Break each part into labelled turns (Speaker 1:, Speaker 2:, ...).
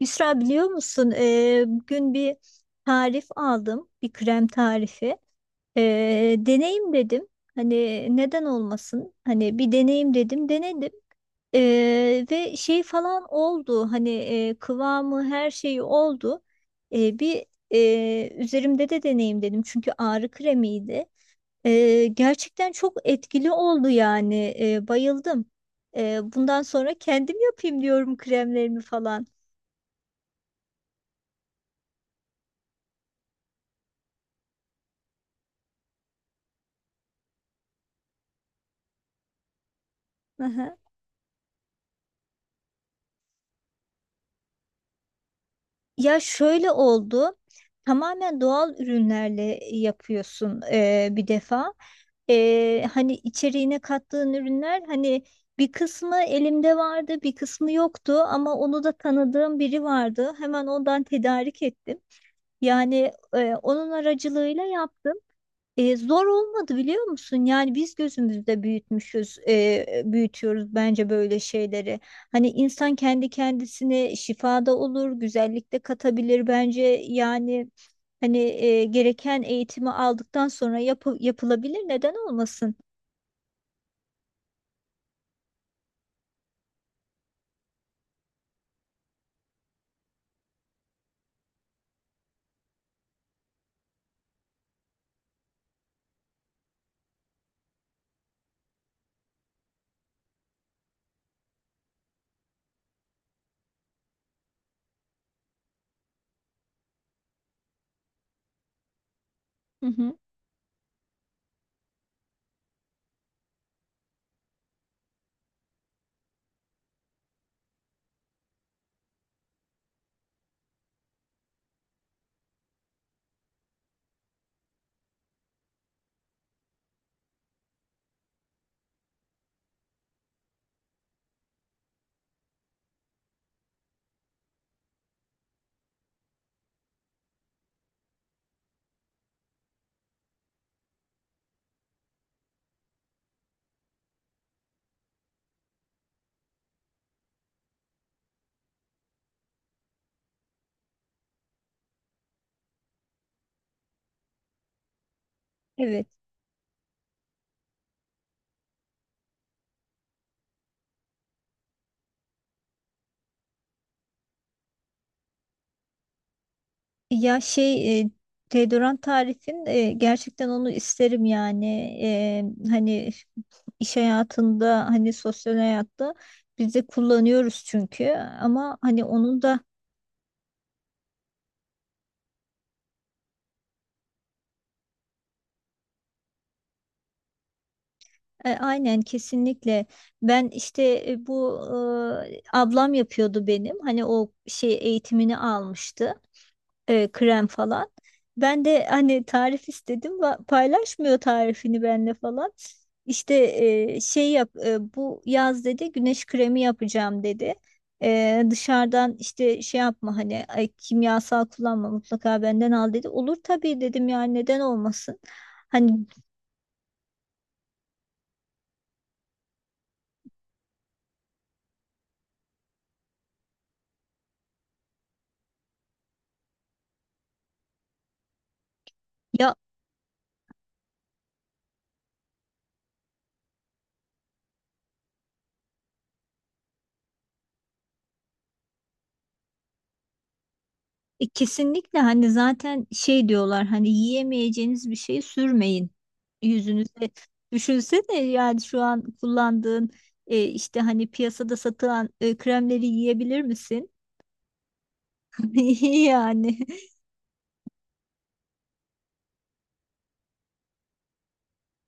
Speaker 1: Yusra biliyor musun? Bugün bir tarif aldım. Bir krem tarifi. Deneyim dedim. Hani neden olmasın? Hani bir deneyim dedim. Denedim. Ve şey falan oldu. Hani kıvamı her şeyi oldu. Ee, bir Üzerimde de deneyim dedim. Çünkü ağrı kremiydi. Gerçekten çok etkili oldu yani. Bayıldım. Bundan sonra kendim yapayım diyorum kremlerimi falan. Ya şöyle oldu. Tamamen doğal ürünlerle yapıyorsun bir defa. Hani içeriğine kattığın ürünler hani bir kısmı elimde vardı, bir kısmı yoktu ama onu da tanıdığım biri vardı. Hemen ondan tedarik ettim. Yani onun aracılığıyla yaptım. Zor olmadı biliyor musun? Yani biz gözümüzde büyütmüşüz, büyütüyoruz bence böyle şeyleri. Hani insan kendi kendisine şifada olur, güzellikte katabilir bence. Yani hani gereken eğitimi aldıktan sonra yapılabilir. Neden olmasın? Hı hı. Evet. Ya şey deodorant tarifin gerçekten onu isterim yani. Hani iş hayatında hani sosyal hayatta biz de kullanıyoruz çünkü ama hani onun da aynen kesinlikle. Ben işte e, bu ablam yapıyordu benim hani o şey eğitimini almıştı. Krem falan. Ben de hani tarif istedim, paylaşmıyor tarifini benimle falan. İşte bu yaz dedi güneş kremi yapacağım dedi. Dışarıdan işte şey yapma hani ay, kimyasal kullanma mutlaka benden al dedi. Olur tabii dedim yani neden olmasın. Hani ya. Kesinlikle hani zaten şey diyorlar, hani yiyemeyeceğiniz bir şey sürmeyin yüzünüze. Düşünsene yani şu an kullandığın, işte hani piyasada satılan kremleri yiyebilir misin? Yani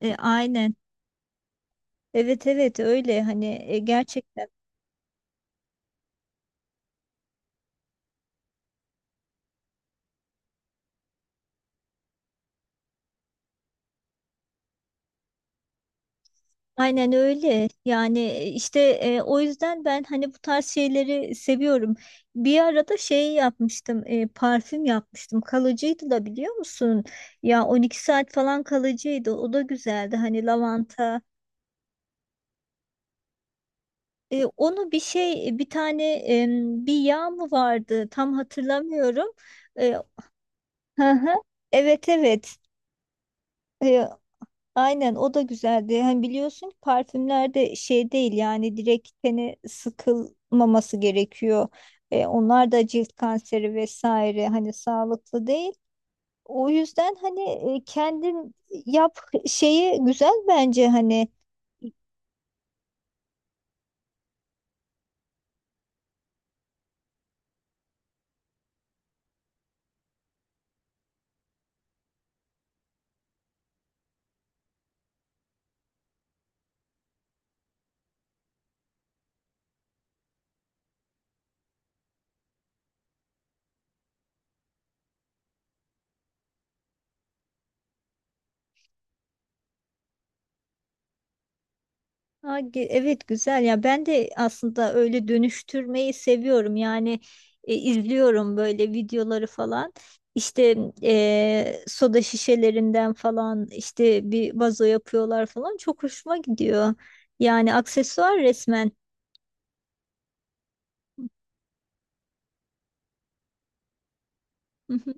Speaker 1: Aynen. Evet, evet, öyle hani gerçekten. Aynen öyle. Yani o yüzden ben hani bu tarz şeyleri seviyorum. Bir arada şey yapmıştım, parfüm yapmıştım. Kalıcıydı da biliyor musun? Ya 12 saat falan kalıcıydı. O da güzeldi. Hani lavanta. Onu bir şey, bir tane e, bir yağ mı vardı? Tam hatırlamıyorum. E, hı hı. Evet, evet. E, Aynen, o da güzeldi. Hani biliyorsun ki parfümler de şey değil yani direkt tene sıkılmaması gerekiyor. Onlar da cilt kanseri vesaire, hani sağlıklı değil. O yüzden hani kendin yap şeyi güzel bence hani. Evet, güzel ya, ben de aslında öyle dönüştürmeyi seviyorum yani. İzliyorum böyle videoları falan, işte soda şişelerinden falan, işte bir vazo yapıyorlar falan, çok hoşuma gidiyor yani, aksesuar resmen. Hı hı,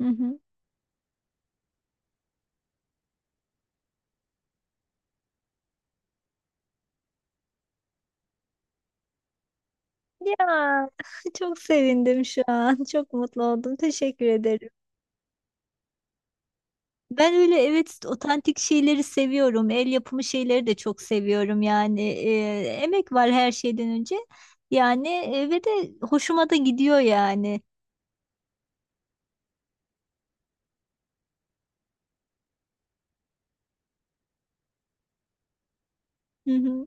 Speaker 1: hı hı. Ya, çok sevindim şu an, çok mutlu oldum, teşekkür ederim. Ben öyle, evet, otantik şeyleri seviyorum. El yapımı şeyleri de çok seviyorum yani. Emek var her şeyden önce. Yani ve de hoşuma da gidiyor yani. Hı hı.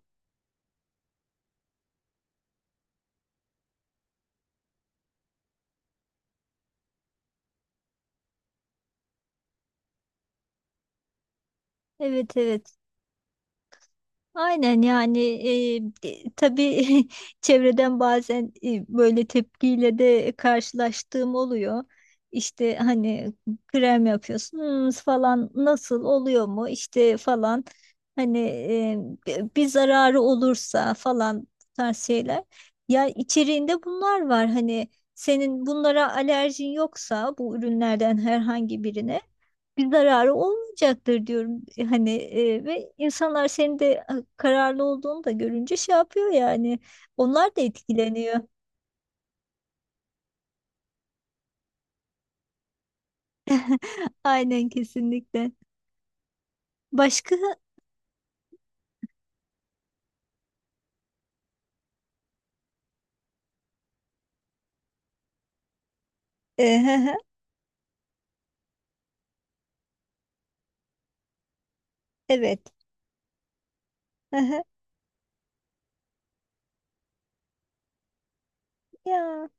Speaker 1: Evet, evet. Aynen yani, tabii. Çevreden bazen böyle tepkiyle de karşılaştığım oluyor. İşte hani krem yapıyorsunuz falan, nasıl oluyor mu işte falan, hani bir zararı olursa falan bu tarz şeyler. Ya içeriğinde bunlar var hani, senin bunlara alerjin yoksa bu ürünlerden herhangi birine bir zararı olmayacaktır diyorum. Hani ve insanlar senin de kararlı olduğunu da görünce şey yapıyor yani. Onlar da etkileniyor. Aynen, kesinlikle. Başka. Ehehe, evet. Ehe. Ya,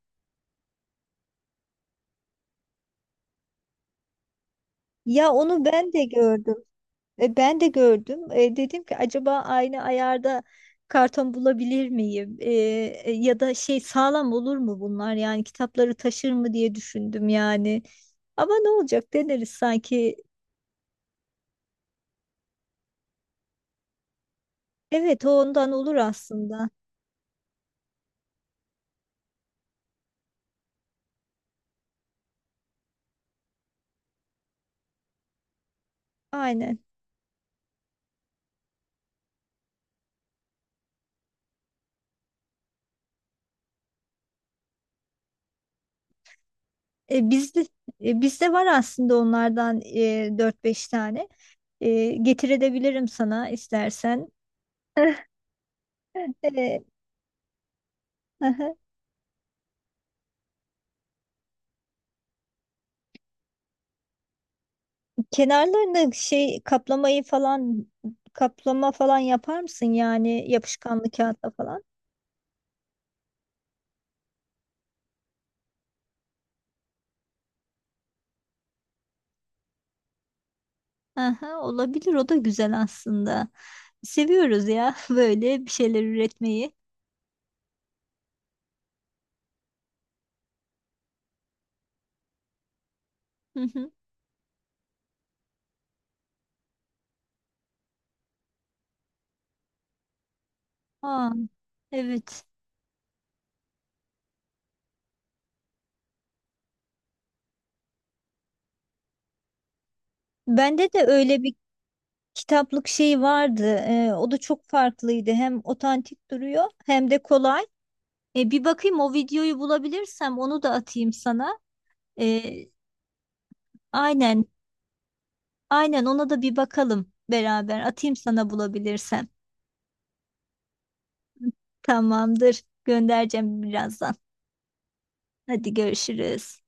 Speaker 1: ya onu ben de gördüm. Ben de gördüm. Dedim ki, acaba aynı ayarda karton bulabilir miyim? Ya da şey, sağlam olur mu bunlar? Yani kitapları taşır mı diye düşündüm yani. Ama ne olacak, deneriz sanki. Evet, o ondan olur aslında. Aynen. E, bizde Bizde var aslında onlardan 4-5 tane. Getirebilirim sana istersen. E, aha. Kenarlarını şey kaplamayı falan, kaplama falan yapar mısın yani, yapışkanlı kağıtla falan? Aha, olabilir, o da güzel aslında. Seviyoruz ya, böyle bir şeyler üretmeyi. Hı hı. Aa, evet. Bende de öyle bir kitaplık şeyi vardı. O da çok farklıydı. Hem otantik duruyor hem de kolay. Bir bakayım, o videoyu bulabilirsem onu da atayım sana. Ee, aynen, aynen, ona da bir bakalım beraber. Atayım sana bulabilirsem. Tamamdır. Göndereceğim birazdan. Hadi görüşürüz.